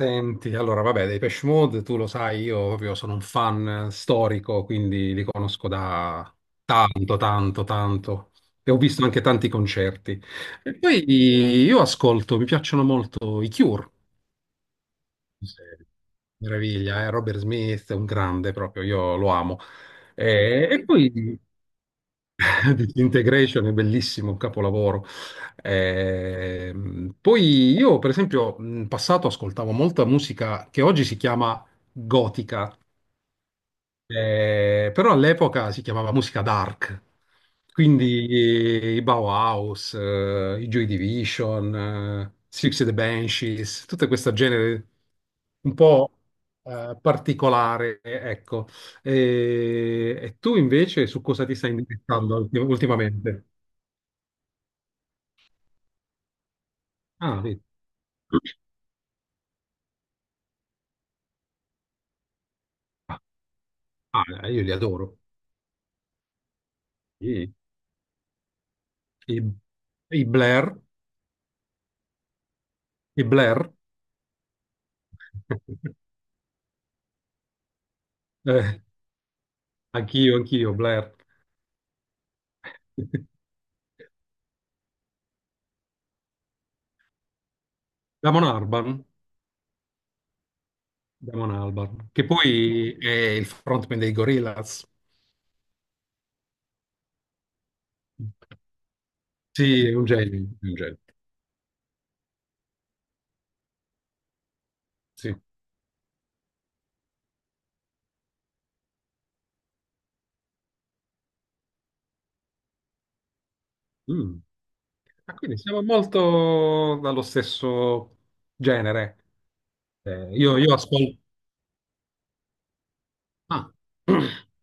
Senti, allora vabbè, dei Depeche Mode, tu lo sai, io proprio sono un fan storico, quindi li conosco da tanto, tanto, tanto. E ho visto anche tanti concerti. E poi io ascolto, mi piacciono molto i Cure. Se- Meraviglia, eh? Robert Smith è un grande proprio, io lo amo. E poi Disintegration è bellissimo, un capolavoro. Poi io, per esempio, in passato ascoltavo molta musica che oggi si chiama gotica, però all'epoca si chiamava musica dark. Quindi i Bauhaus, i Joy Division, Six and the Banshees, tutto questo genere un po' particolare, ecco. E tu invece su cosa ti stai indirizzando ultimamente? Ah, vedi. Ah, ah, io li adoro. Sì. I, i Blair, i Blair. Eh, anch'io, anch'io, Blair. Damon Albarn, Damon Albarn, che poi è il frontman dei Gorillaz. Sì, è un genio, è un genio. Sì. Mm. Ma quindi siamo molto dallo stesso genere. Io ascolto. Ah.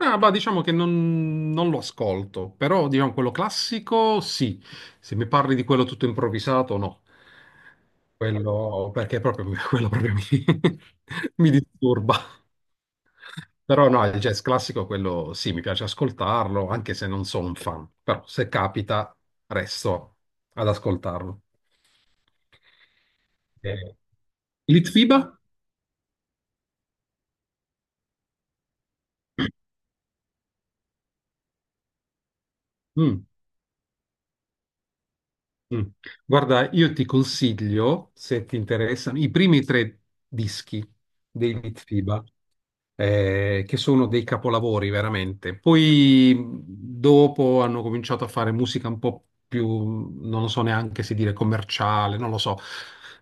Ah, bah, diciamo che non lo ascolto, però diciamo quello classico sì. Se mi parli di quello tutto improvvisato, no. Quello, perché proprio, quello proprio mi, mi disturba. Però no, il jazz classico, quello sì, mi piace ascoltarlo, anche se non sono un fan. Però se capita, resto ad ascoltarlo. Eh, Litfiba? Mm. Mm. Guarda, io ti consiglio, se ti interessano, i primi tre dischi dei Mitfiba, che sono dei capolavori veramente. Poi dopo hanno cominciato a fare musica un po' più, non lo so neanche se dire commerciale, non lo so,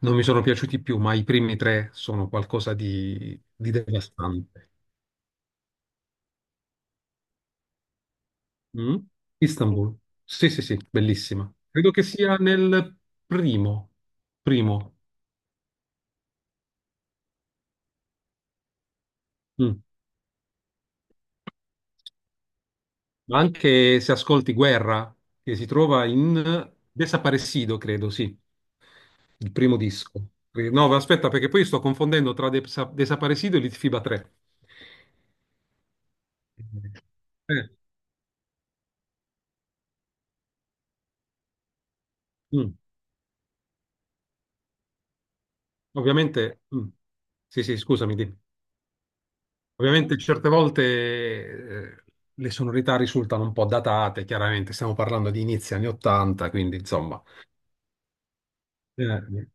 non mi sono piaciuti più, ma i primi tre sono qualcosa di devastante. Mm? Istanbul, sì, sì, sì, bellissima. Credo che sia nel primo, primo. Mm. Ma anche se ascolti Guerra, che si trova in Desaparecido, credo, sì, il primo disco. No, ma aspetta, perché poi sto confondendo tra Desaparecido e Litfiba 3. Eh, mm, ovviamente, sì, sì, scusami, dimmi. Ovviamente certe volte le sonorità risultano un po' datate, chiaramente stiamo parlando di inizi anni 80, quindi insomma. Eh,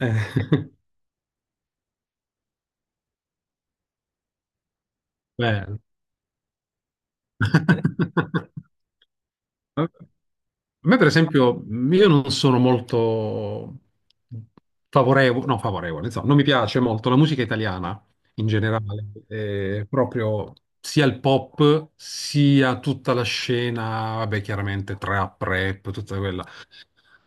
eh, Bello. A me, per esempio, io non sono molto favorevole, no, favorevole, insomma, non mi piace molto la musica italiana in generale, proprio sia il pop sia tutta la scena, vabbè, chiaramente trap, rap, tutta quella.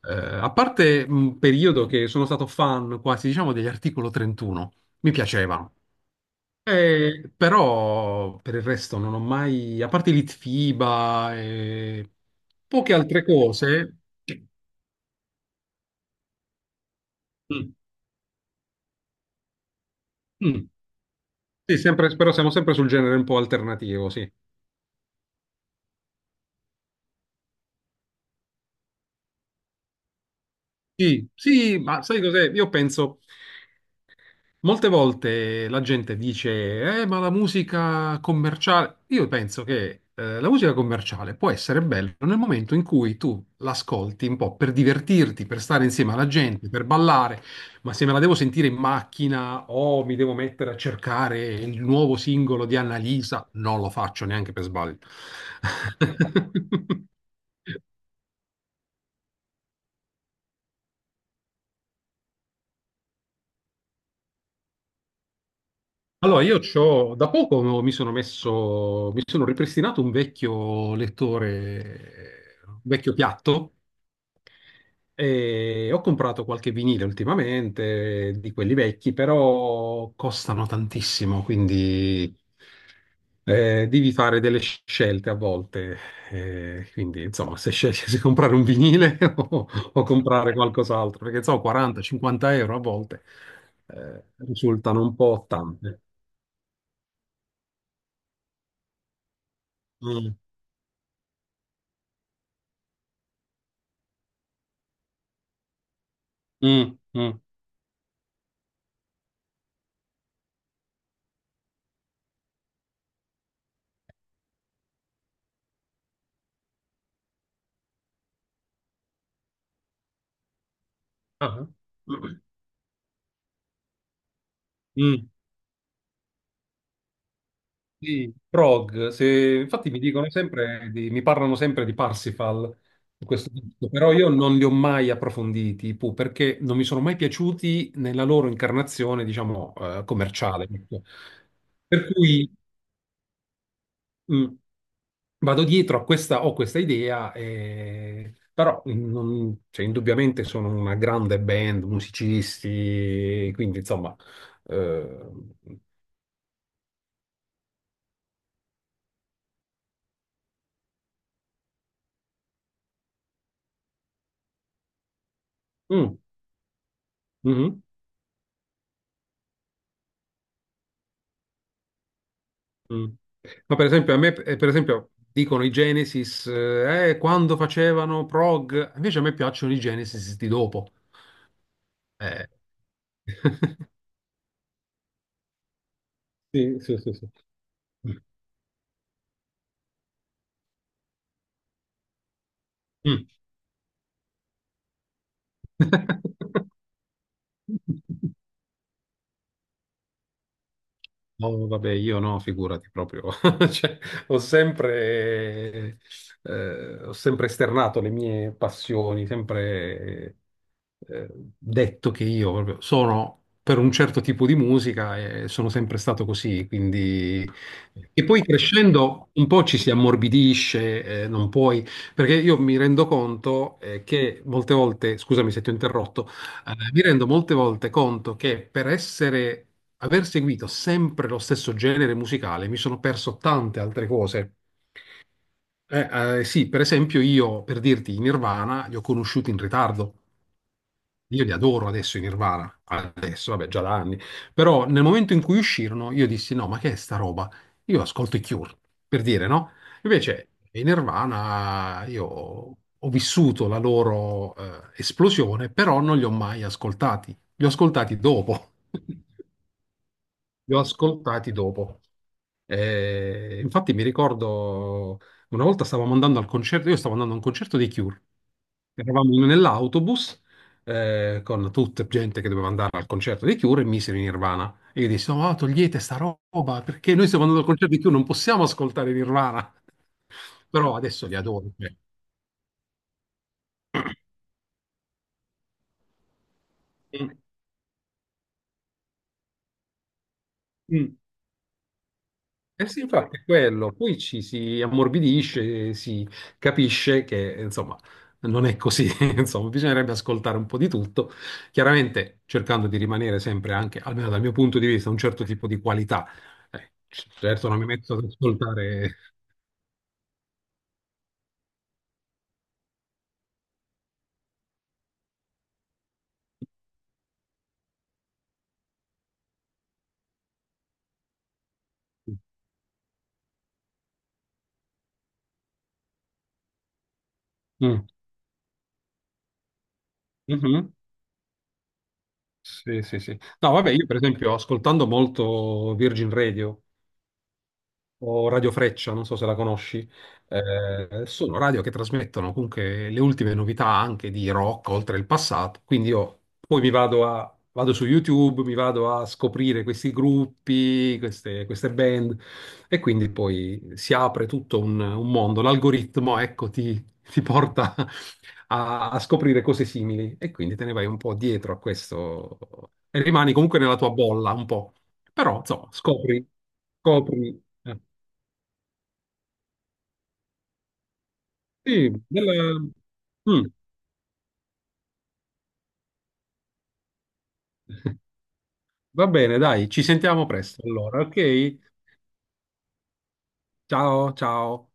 A parte un periodo che sono stato fan quasi, diciamo, degli Articolo 31, mi piacevano. Però per il resto non ho mai, a parte Litfiba e poche altre cose. Mm, mm. Sì, sempre, però siamo sempre sul genere un po' alternativo, sì. Sì, sì, ma sai cos'è? Io penso, molte volte la gente dice, ma la musica commerciale. Io penso che la musica commerciale può essere bella nel momento in cui tu l'ascolti un po' per divertirti, per stare insieme alla gente, per ballare, ma se me la devo sentire in macchina o mi devo mettere a cercare il nuovo singolo di Annalisa, non lo faccio neanche per sbaglio. Allora, io c'ho, da poco mi sono messo, mi sono ripristinato un vecchio lettore, un vecchio piatto, e ho comprato qualche vinile ultimamente, di quelli vecchi, però costano tantissimo, quindi devi fare delle scelte a volte. Quindi, insomma, se scegli se comprare un vinile o comprare qualcos'altro, perché so, 40-50 euro a volte risultano un po' tante. Mm, mm, mm. Ah, Mm, sì, prog, infatti mi dicono sempre mi parlano sempre di Parsifal, di questo disco, però io non li ho mai approfonditi, perché non mi sono mai piaciuti nella loro incarnazione, diciamo, commerciale. Ecco. Per cui mm, vado dietro a questa, ho questa idea, però cioè, indubbiamente sono una grande band, musicisti, quindi insomma... eh, mm. Mhm, mm. Ma per esempio, a me, per esempio, dicono i Genesis, quando facevano prog, invece a me piacciono i Genesis di dopo. Eh. Sì, sì, sì, sì. Mm. No, vabbè, io no, figurati proprio. Cioè, ho sempre, ho sempre esternato le mie passioni, sempre eh, detto che io proprio sono per un certo tipo di musica e sono sempre stato così. Quindi. E poi crescendo un po' ci si ammorbidisce, non puoi, perché io mi rendo conto che molte volte, scusami se ti ho interrotto, allora, mi rendo molte volte conto che per essere, aver seguito sempre lo stesso genere musicale mi sono perso tante altre cose. Sì, per esempio io, per dirti, i Nirvana li ho conosciuti in ritardo. Io li adoro adesso i Nirvana, adesso, vabbè, già da anni, però nel momento in cui uscirono io dissi no, ma che è sta roba? Io ascolto i Cure, per dire, no? Invece i Nirvana io ho vissuto la loro esplosione, però non li ho mai ascoltati, li ho ascoltati dopo. Li ho ascoltati dopo. Infatti mi ricordo una volta stavamo andando al concerto, io stavo andando a un concerto dei Cure. Eravamo nell'autobus con tutta gente che doveva andare al concerto dei Cure e misero in Nirvana. E io dissi, no, togliete sta roba, perché noi stiamo andando al concerto dei Cure, non possiamo ascoltare Nirvana. Però adesso li adoro. Cioè. Mm, mm. Eh sì, infatti è quello, poi ci si ammorbidisce, si capisce che insomma non è così, insomma bisognerebbe ascoltare un po' di tutto, chiaramente cercando di rimanere sempre anche, almeno dal mio punto di vista, un certo tipo di qualità. Certo non mi metto ad ascoltare. Mm. Mhm. Sì, sì, sì. No, vabbè, io per esempio ascoltando molto Virgin Radio, o Radio Freccia, non so se la conosci, sono radio che trasmettono comunque le ultime novità anche di rock oltre il passato. Quindi io poi mi vado su YouTube, mi vado a scoprire questi gruppi, queste band e quindi poi si apre tutto un mondo. L'algoritmo, ecco, ti porta a scoprire cose simili e quindi te ne vai un po' dietro a questo e rimani comunque nella tua bolla un po'. Però, insomma, scopri, scopri. Eh. Sì, mm. Va bene, dai, ci sentiamo presto allora, ok? Ciao, ciao.